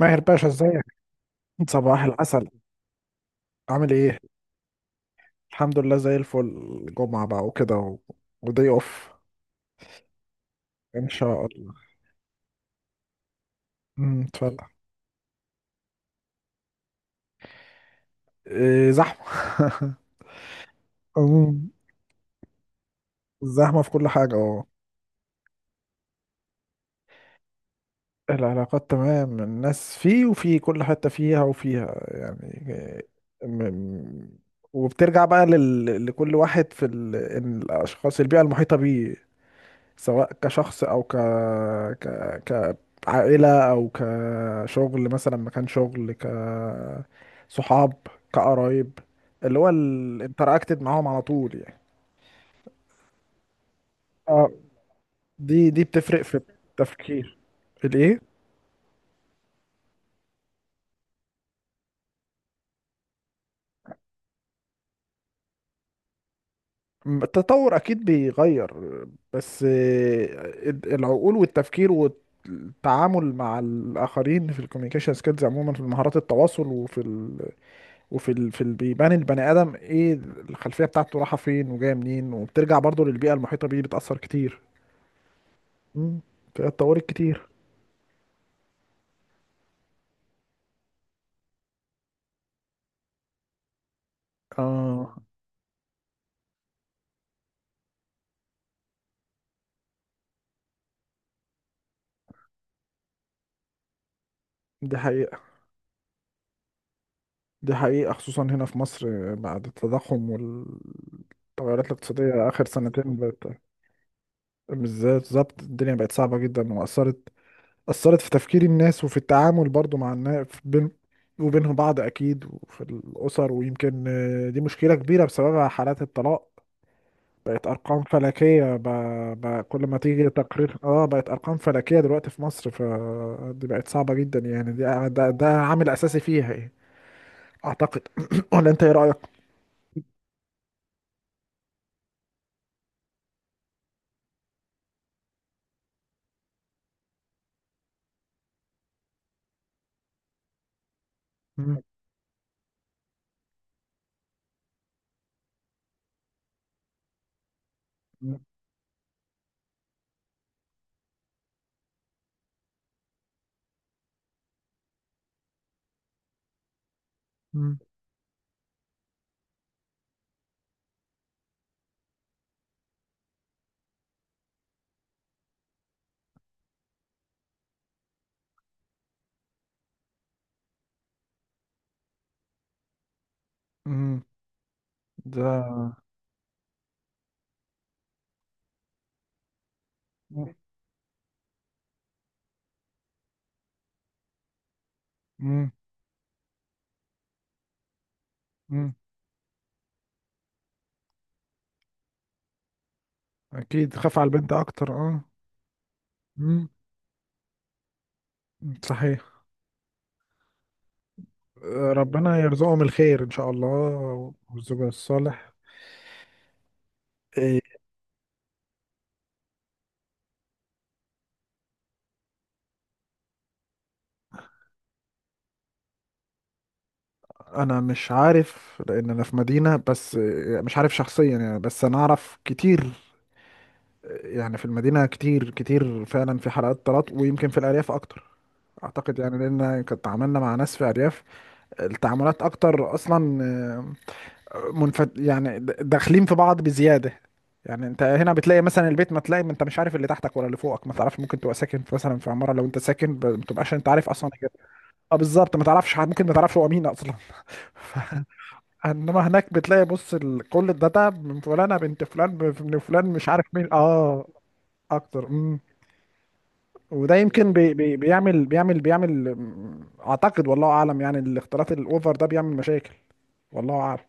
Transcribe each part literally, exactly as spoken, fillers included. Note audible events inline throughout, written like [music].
ماهر باشا، ازيك؟ صباح العسل. عامل ايه؟ الحمد لله، زي الفل. جمعة بقى وكده و... ودي اوف. ان شاء الله. امم اتفضل. إيه، زحمة. [laughs] أمم، زحمة في كل حاجة، اه. العلاقات تمام، الناس فيه وفي كل حتة، فيها وفيها يعني. إيه. م... وبترجع بقى لل... لكل واحد في ال... الأشخاص، البيئة المحيطة بيه، سواء كشخص او ك ك كعائلة، او كشغل مثلا، مكان شغل، كصحاب، كقرايب، اللي هو الانتراكتد معاهم على طول يعني. اه، دي دي بتفرق في التفكير. الايه؟ م- التطور اكيد بيغير، بس آه، العقول والتفكير والتعامل مع الاخرين في الكوميونيكيشن سكيلز، عموما في مهارات التواصل، وفي وفي ال... في ال... بيبان البني ادم ايه، الخلفيه بتاعته رايحه فين وجايه منين، وبترجع برضو للبيئه المحيطه بيه، بتاثر كتير. امم. اتطورت كتير. اه، دي حقيقه. دي حقيقه، خصوصا هنا في مصر. آه، بعد التضخم والتغيرات الاقتصاديه اخر سنتين بقت بالذات. بالظبط الدنيا بقت صعبه جدا واثرت. اثرت في تفكير الناس، وفي التعامل برضو مع الناس بين وبينهم بعض اكيد، وفي الاسر، ويمكن آه، دي مشكله كبيره بسببها حالات الطلاق بقت ارقام فلكيه. ب... ب... كل ما تيجي تقرير، اه، بقت ارقام فلكيه دلوقتي في مصر. فدي بقت صعبه جدا يعني، دي ده, ده عامل اساسي فيها يعني، اعتقد. [clears throat] ولا انت ايه رايك؟ مم. مم. مم. ده. مم. مم. اكيد، خاف على البنت اكتر، اه. مم. صحيح. آه، ربنا يرزقهم الخير ان شاء الله. والزوج الصالح. إيه. انا مش عارف، لان انا في مدينه بس. إيه، مش عارف شخصيا يعني، بس انا اعرف كتير. يعني في المدينة كتير كتير فعلا في حلقات طلاق، ويمكن في الأرياف أكتر أعتقد يعني. لأن كنت تعاملنا مع ناس في أرياف، التعاملات أكتر أصلا. آه، منفت يعني، د- داخلين في بعض بزيادة. يعني أنت هنا بتلاقي مثلا البيت، ما تلاقي، ما أنت مش عارف اللي تحتك ولا اللي فوقك، ما تعرفش. ممكن تبقى ساكن في مثلا في عمارة، لو أنت ساكن ب- ما تبقاش أنت عارف أصلا كده. أه، بالظبط، ما تعرفش حد- ممكن ما تعرفش هو مين أصلا. [laughs] انما هناك بتلاقي، بص، ال- كل الداتا من فلانة بنت فلان، ب- من فلان مش عارف مين، اه. اكتر. وده يمكن بي بي بيعمل بيعمل بيعمل مم، اعتقد، والله اعلم يعني، الاختلاط الاوفر ده بيعمل مشاكل، والله اعلم.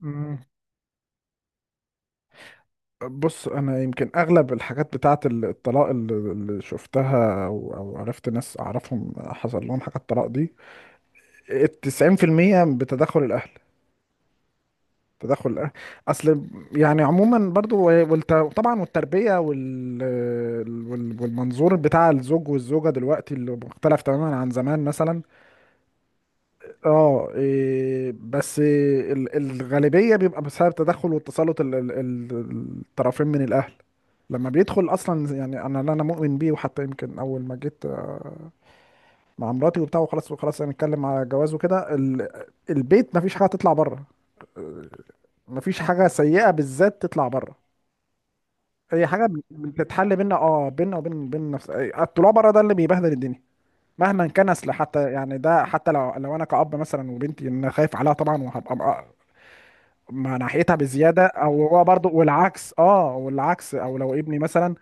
مم. بص، انا يمكن اغلب الحاجات بتاعه ال- الطلاق اللي اللي شفتها، او أو عرفت ناس اعرفهم حصل لهم حاجه الطلاق دي، التسعين في المية بتدخل الاهل. تدخل الاهل، اصل. يعني عموما برضو والت- طبعا والتربيه وال وال- والمنظور بتاع الزوج والزوجه دلوقتي، اللي مختلف تماما عن زمان مثلا. اه، إيه بس إيه، ال- الغالبية بيبقى بسبب تدخل والتسلط ال- ال- ال- الطرفين من الأهل لما بيدخل أصلا. يعني أنا، اللي أنا مؤمن بيه، وحتى يمكن أول ما جيت آه، مع مراتي وبتاع، وخلاص وخلاص، هنتكلم على جواز وكده، ال- البيت مفيش حاجة تطلع بره. مفيش حاجة سيئة بالذات تطلع بره. هي حاجة بتتحل بينا، اه، بينا وبين بين نفس. آه، الطلوع بره ده اللي بيبهدل الدنيا مهما كان اصل. حتى يعني ده، حتى لو لو انا كأب مثلا وبنتي، ان أنا خايف عليها طبعا، وهبقى مع مع ناحيتها بزياده، او هو برضو والعكس، اه والعكس، او لو ابني مثلا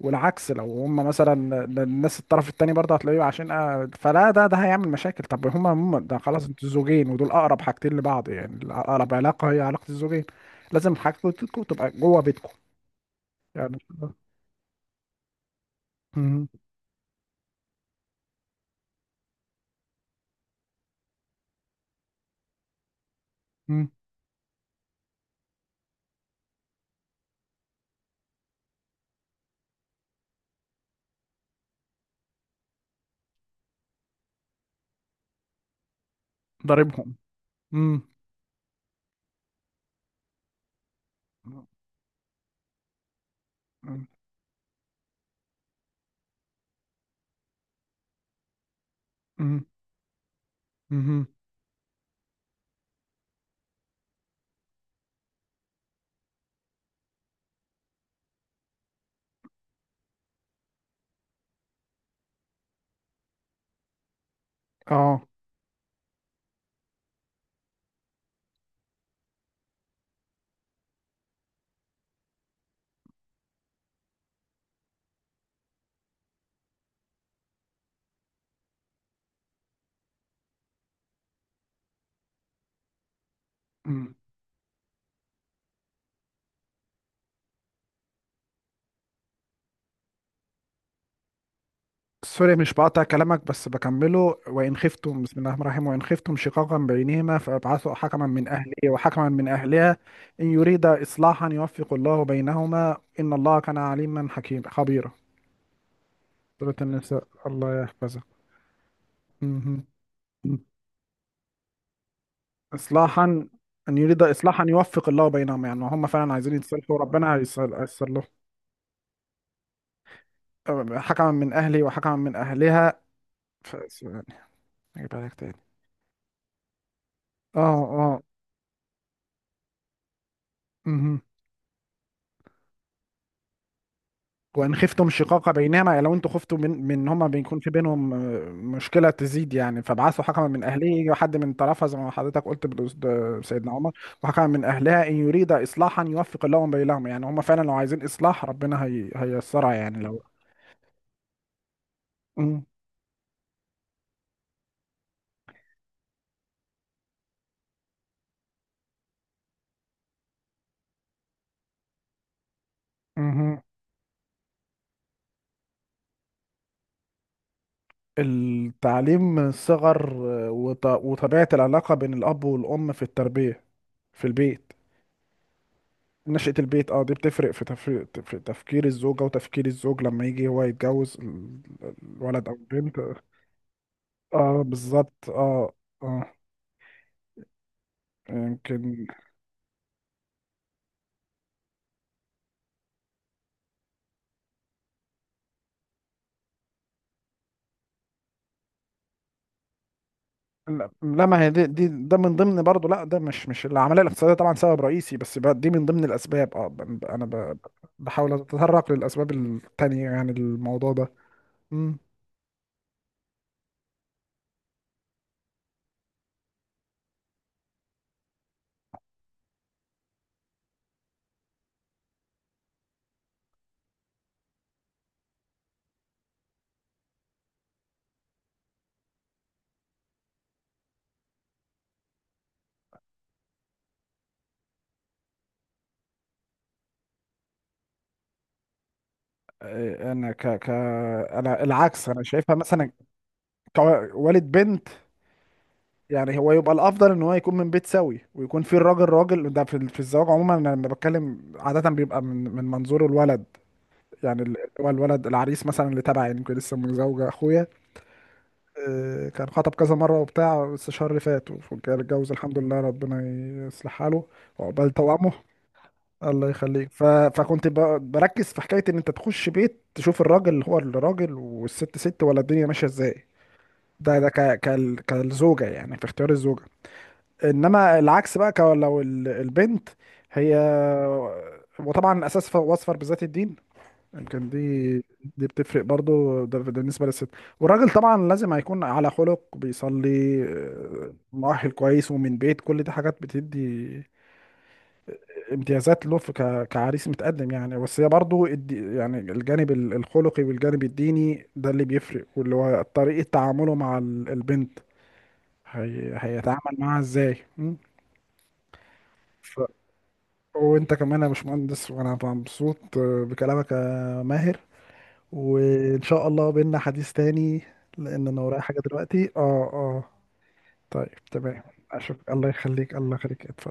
والعكس. لو هم مثلا الناس، الطرف التاني برضه هتلاقيه عشان آه، فلا، ده ده هيعمل مشاكل. طب هما، هم ده خلاص، انتوا زوجين، ودول اقرب حاجتين لبعض يعني، اقرب علاقه هي علاقه الزوجين. لازم حاجتكم تبقى جوه بيتكم. يعني. مم. مم. ضاربهم. مم. مم. مم. مم. اه. سوري، مش بقطع كلامك بس بكمله. وإن خفتم، بسم الله الرحمن الرحيم، وإن خفتم شقاقا بينهما فابعثوا حكما من أهله وحكما من أهلها، إن يريدا إصلاحا يوفق الله بينهما، إن الله كان عليما حكيما خبيرا. سورة النساء، الله يحفظك. مهم. إصلاحا. أن يريد إصلاحا يوفق الله بينهما، يعني هم فعلا عايزين يتصلحوا، ربنا هيصل- هيصلح لهم. حكما من أهلي وحكما من أهلها. ف... يعني، أجيبها لك تاني. اه، اه. مهم. وان خفتم شقاق بينهما، يعني لو انتوا خفتوا من من إن هما بيكون في بينهم آه، مشكله تزيد يعني. فابعثوا حكما من اهله، يجي حد من طرفها، زي ما حضرتك قلت. بالأس- ده سيدنا عمر. وحكما من اهلها، ان يريد اصلاحا يوفق الله بينهما، يعني هما فعلا لو عايزين اصلاح، ربنا هي هييسرها يعني لو. مم. مهم. التعليم من الصغر، آه، وط- وطبيعه العلاقه بين الاب والام في التربيه في البيت. نشأة البيت، اه، دي بتفرق في تفريق، في تفكير الزوجة وتفكير الزوج لما يجي هو يتجوز ال- الولد أو البنت. اه، بالظبط، اه. اه. يمكن. لا، لا، ما هي دي, دي ده من ضمن برضه. لا، ده مش مش العملية الاقتصادية طبعا سبب رئيسي، بس بقى دي من ضمن الأسباب، اه. ب- أنا ب- بحاول أتطرق للأسباب التانية يعني، الموضوع ده. مم. آه، أنا ك ك أنا العكس، أنا شايفها مثلا كوالد بنت. يعني هو يبقى الافضل ان هو يكون من بيت سوي، ويكون في، الراجل راجل. ده في في الزواج عموما، انا لما بتكلم عاده بيبقى من من منظور الولد يعني، ال- هو الولد العريس مثلا اللي تبعي يعني. يمكن لسه متزوجه اخويا، آه، كان خطب كذا مره وبتاع، بس الشهر اللي فات وكان اتجوز، الحمد لله. ربنا يصلح حاله، وعقبال توامه. الله يخليك. ف... فكنت ب... بركز في حكايه ان انت تخش بيت تشوف الراجل هو الراجل والست ست، ولا الدنيا ماشيه ازاي. ده، ده ك... كال... كالزوجه يعني، في اختيار الزوجه. انما العكس بقى، كو- لو ال- البنت هي، وطبعا اساس ف- واصفر بذات الدين، يمكن دي. دي بتفرق برضو. ده، ده بالنسبه للست. والراجل طبعا لازم هيكون على خلق، بيصلي، آه، مؤهل كويس، ومن بيت. كل دي حاجات بتدي امتيازات له في ك- كعريس متقدم يعني. بس هي برضو الدي- يعني الجانب ال- الخلقي والجانب الديني، ده اللي بيفرق، واللي هو طريقه تعامله مع ال- البنت، هي- هيتعامل معاها ازاي م? وانت كمان يا باشمهندس، وانا مبسوط بكلامك يا ماهر. وان شاء الله بينا حديث تاني، لان انا ورايا حاجة دلوقتي، اه، اه. طيب، تمام. اشوف. الله يخليك، الله يخليك، اتفضل.